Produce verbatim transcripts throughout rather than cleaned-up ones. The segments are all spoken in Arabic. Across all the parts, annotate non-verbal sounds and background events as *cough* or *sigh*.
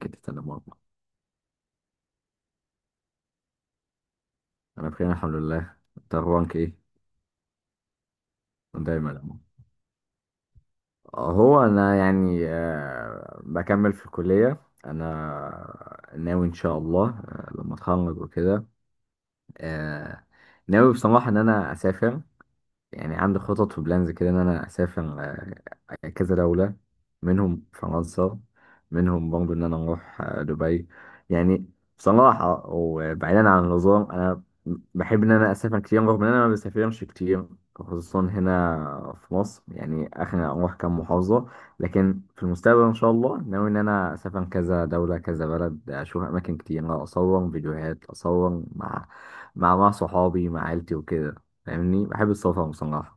كده تمام والله. انا بخير الحمد لله، انت اخبارك ايه؟ دايما يا عم. هو انا يعني آه، بكمل في الكليه. انا ناوي ان شاء الله آه، لما اتخرج وكده. آه، ناوي بصراحه ان انا اسافر. يعني عندي خطط وبلانز كده ان انا اسافر آه، كذا دولة، منهم فرنسا، منهم برضه ان انا اروح آه، دبي يعني. بصراحة وبعيدا عن النظام، انا بحب ان انا اسافر كتير رغم ان انا ما بسافرش كتير، خصوصا هنا في مصر يعني اخر اروح كام محافظة. لكن في المستقبل ان شاء الله ناوي ان انا اسافر كذا دولة كذا بلد، اشوف اماكن كتير، اصور فيديوهات، اصور مع مع مع صحابي مع عيلتي وكده. فاهمني، بحب السلطه بصراحه.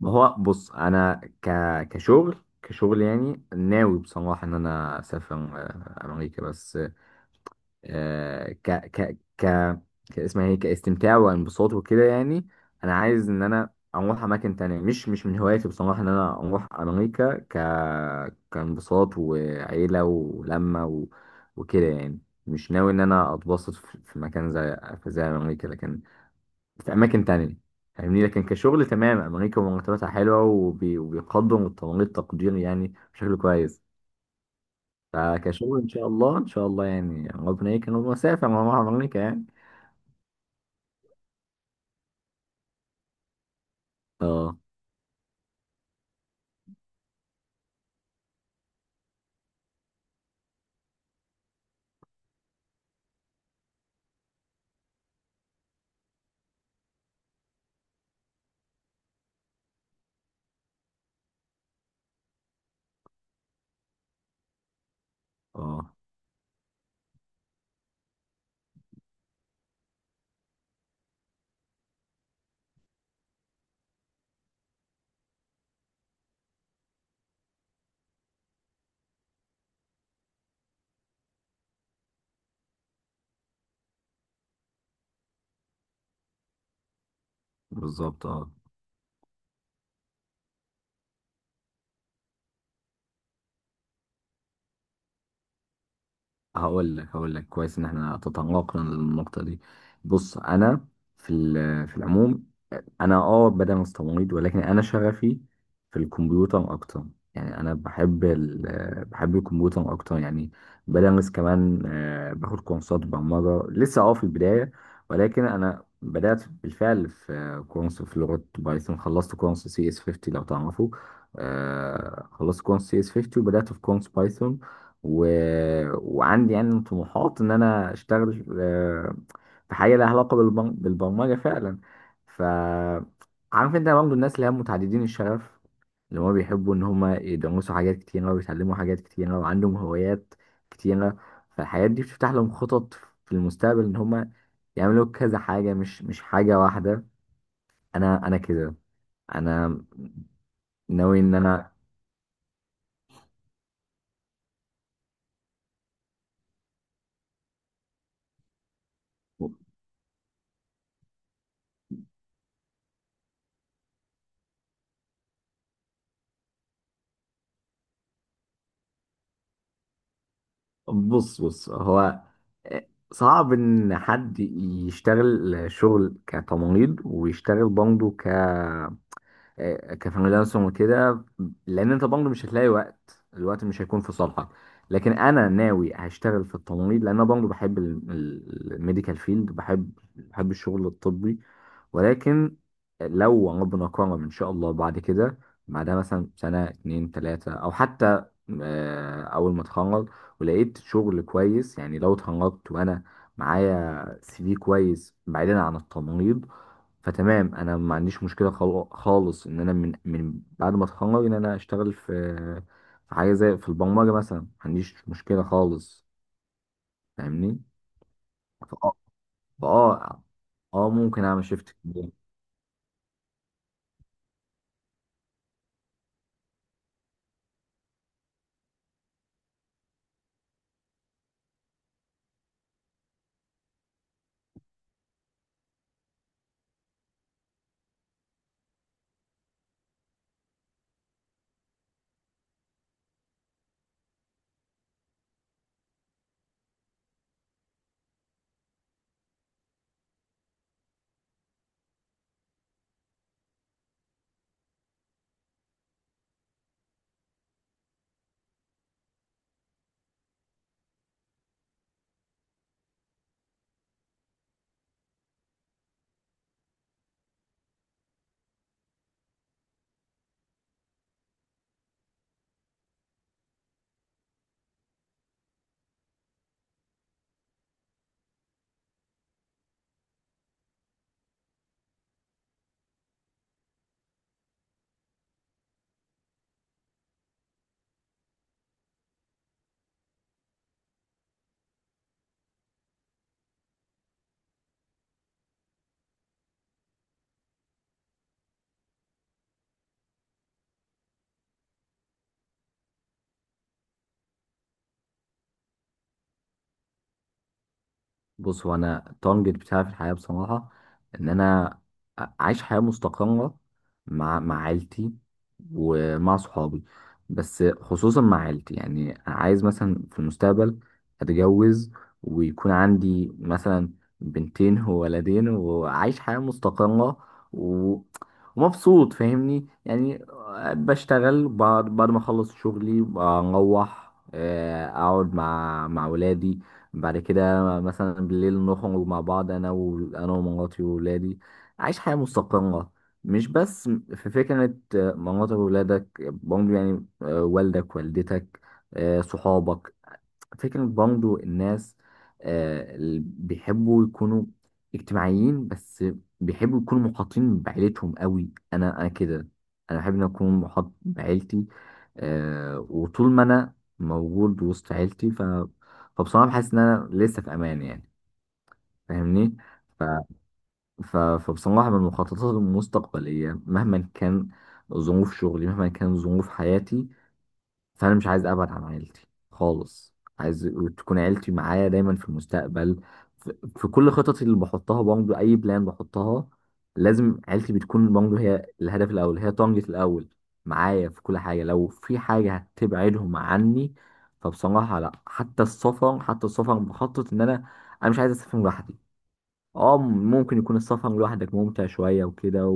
ما هو بص، انا ك... كشغل كشغل يعني ناوي بصراحه ان انا اسافر آه، امريكا بس. آه، ك ك ك ك- اسمها ايه كاستمتاع وانبساط وكده يعني. انا عايز ان انا اروح اماكن تانية. مش مش من هواياتي بصراحه ان انا اروح امريكا ك كانبساط وعيله ولمه و... وكده يعني. مش ناوي ان انا اتبسط في في مكان زي في زي امريكا، لكن في اماكن تانية. فاهمني. لكن كشغل تمام، امريكا مرتباتها حلوه وبي... وبيقدم التمريض تقدير يعني بشكل كويس. فكشغل ان شاء الله ان شاء الله يعني ربنا يكرم، ومسافر مع امريكا يعني. اه، اه، بالظبط، اه. هقول لك هقول لك كويس ان احنا تطرقنا للنقطه دي. بص انا في ال- في العموم، انا اه بدأ مستميت، ولكن انا شغفي في الكمبيوتر اكتر. يعني انا بحب ال آه، بحب الكمبيوتر اكتر يعني. بدرس كمان، آه، باخد كورسات برمجة، لسه اه في البداية. ولكن انا بدأت بالفعل في آه، كورس في لغة بايثون. خلصت كورس سي اس خمسين لو تعرفه. آه، خلصت كورس سي اس خمسين وبدأت في كورس بايثون. و... وعندي يعني طموحات ان انا اشتغل آه، في حاجة لها علاقة بالبر- بالبرمجة فعلا. ف عارف انت برضه الناس اللي هم متعددين الشغف، اللي هما بيحبوا ان هما يدرسوا حاجات كتيرة ويتعلموا حاجات كتيرة وعندهم هوايات كتيرة. فالحاجات دي بتفتح لهم خطط في المستقبل ان هما يعملوا كذا حاجة، مش مش حاجة واحدة. انا انا كده. انا ناوي ان انا. بص بص هو، صعب ان حد يشتغل شغل كتمريض ويشتغل برضه آه، كفريلانسر وكده، لان انت برضه مش هتلاقي وقت، الوقت مش هيكون في صالحك. لكن انا ناوي هشتغل في التمريض، لان انا برضه بحب ال- ال- الميديكال فيلد، بحب بحب الشغل الطبي. ولكن لو ربنا كرم ان شاء الله بعد كده، بعدها مثلا سنه اتنين تلاته، او حتى آه، اول ما اتخرج ولقيت شغل كويس، يعني لو اتخرجت وانا معايا سي في كويس بعيدا عن التمريض، فتمام انا ما عنديش مشكله خال- خالص ان انا من من بعد ما اتخرج ان انا اشتغل في في حاجه زي في البرمجه مثلا، ما عنديش مشكله خالص. فاهمني. فاه فاه اه آه، ممكن اعمل شيفت. بص هو انا التارجت بتاعي في الحياه بصراحه، ان انا عايش حياه مستقره مع مع عيلتي ومع صحابي، بس خصوصا مع عيلتي يعني. عايز مثلا في المستقبل اتجوز، ويكون عندي مثلا بنتين وولدين وعايش حياه مستقره و... ومبسوط. فاهمني يعني. بشتغل، بعد بعد ما اخلص شغلي، بروح آه، اقعد مع مع ولادي. بعد كده مثلا بالليل نخرج مع بعض، انا وانا ومراتي وولادي. عايش حياة مستقرة. مش بس في فكرة آه، مراتك وولادك برضه يعني، آه، والدك والدتك، آه، صحابك. فكرة برضه الناس آه، اللي بيحبوا يكونوا اجتماعيين، بس بيحبوا يكونوا محاطين بعيلتهم قوي. انا انا كده. انا بحب ان اكون محاط بعيلتي. آه، وطول ما انا موجود وسط عيلتي، ف فبصراحة بحس ان انا لسه في امان يعني. فاهمني. ف... ف... فبصراحة من المخططات المستقبلية، مهما كان ظروف شغلي، مهما كان ظروف حياتي، فانا مش عايز ابعد عن عيلتي خالص. عايز تكون عيلتي معايا دايما في المستقبل. في, في كل خططي اللي بحطها، برضه اي بلان بحطها لازم عيلتي بتكون برضه هي الهدف الاول، هي طنجة الاول معايا في كل حاجه. لو في حاجه هتبعدهم عني فبصراحه لا. حتى السفر، حتى السفر بخطط ان انا انا مش عايز اسافر لوحدي. اه، ممكن يكون السفر لوحدك ممتع شوية وكده،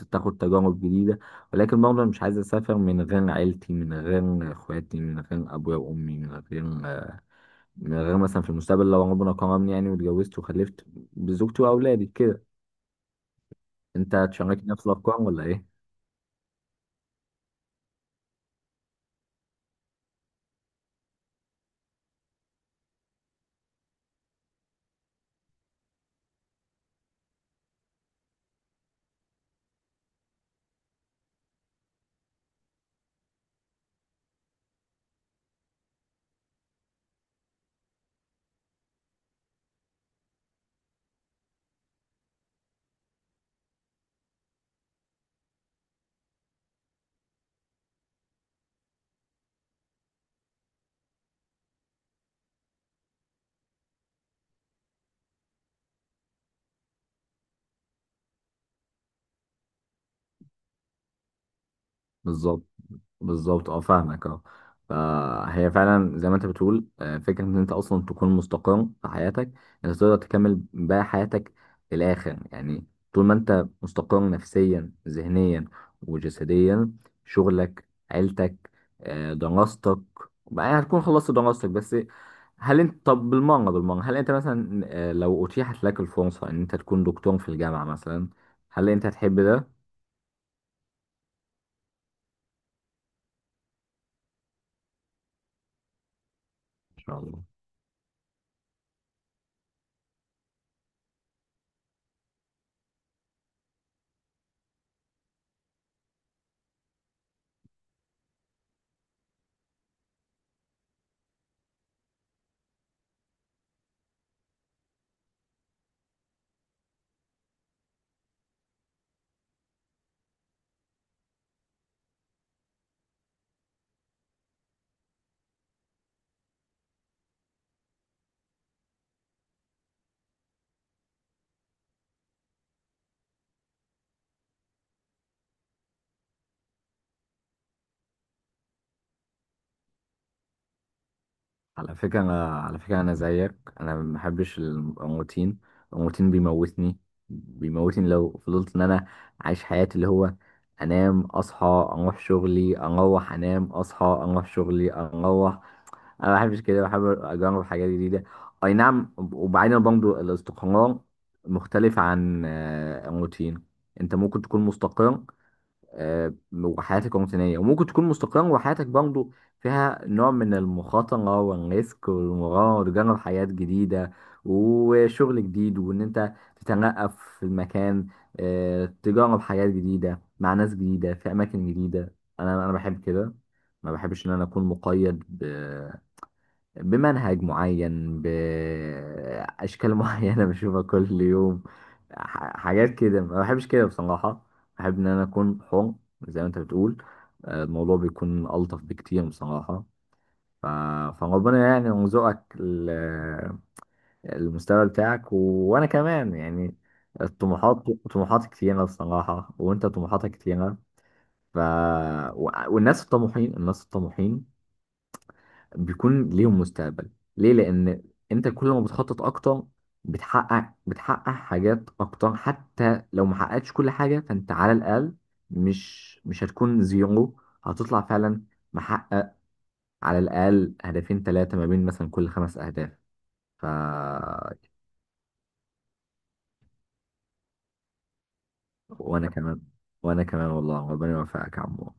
وتاخد تجارب جديدة، ولكن برضه أنا مش عايز أسافر من غير عيلتي، من غير إخواتي، من غير أبويا وأمي، من غير من غير مثلا في المستقبل لو ربنا كرمني يعني واتجوزت وخلفت، بزوجتي وأولادي كده. أنت تشاركني نفس الأفكار ولا إيه؟ بالظبط، بالظبط، اه، فاهمك، اه. فهي فعلا زي ما انت بتقول، آه، فكرة ان انت اصلا تكون مستقر في حياتك، انت تقدر تكمل بقى حياتك للاخر يعني. طول ما انت مستقر نفسيا، ذهنيا، وجسديا، شغلك، عيلتك، آه، دراستك بقى هتكون خلصت دراستك بس. هل انت طب، بالمرة بالمرة، هل انت مثلا آه، لو اتيحت لك الفرصة ان انت تكون دكتور في الجامعة مثلا، هل انت هتحب ده؟ ان شاء الله. على فكرة أنا على فكرة أنا زيك. أنا ما بحبش الروتين. الروتين بيموتني، بيموتني لو فضلت إن أنا عايش حياتي اللي هو أنام، أصحى، أروح شغلي، أروح، أنام، أصحى، أروح شغلي، أروح. أنا ما بحبش كده، بحب أجرب حاجات جديدة. أي نعم. وبعدين برضه، الاستقرار مختلف عن آه، الروتين. أنت ممكن تكون مستقر آه، وحياتك روتينية، وممكن تكون مستقرة وحياتك برضه فيها نوع من المخاطرة والريسك والمغامرة، وتجرب حياة جديدة وشغل جديد وإن أنت تتنقل في المكان، آه، تجرب حياة جديدة مع ناس جديدة في أماكن جديدة. أنا أنا بحب كده. ما بحبش إن أنا أكون مقيد بمنهج معين، بأشكال *laughs* معينة بشوفها كل يوم، ح- حاجات كده. ما بحبش كده بصراحة. بحب إن أنا أكون حر زي ما أنت بتقول. آه، الموضوع بيكون ألطف بكتير بصراحة. ف... فربنا يعني يرزقك ال- المستوى بتاعك، و... وأنا كمان يعني الطموحات. طموحاتي كتيرة بصراحة، وأنت طموحاتك كتيرة. ف... و... والناس الطموحين، الناس الطموحين بيكون ليهم مستقبل. ليه؟ لان انت كل ما بتخطط اكتر، بتحقق بتحقق حاجات اكتر، حتى لو ما حققتش كل حاجه فانت على الاقل مش مش هتكون زيرو. هتطلع فعلا محقق على الاقل هدفين ثلاثه ما بين مثلا كل خمس اهداف. ف وانا كمان، وانا كمان والله ربنا يوفقك يا عمو.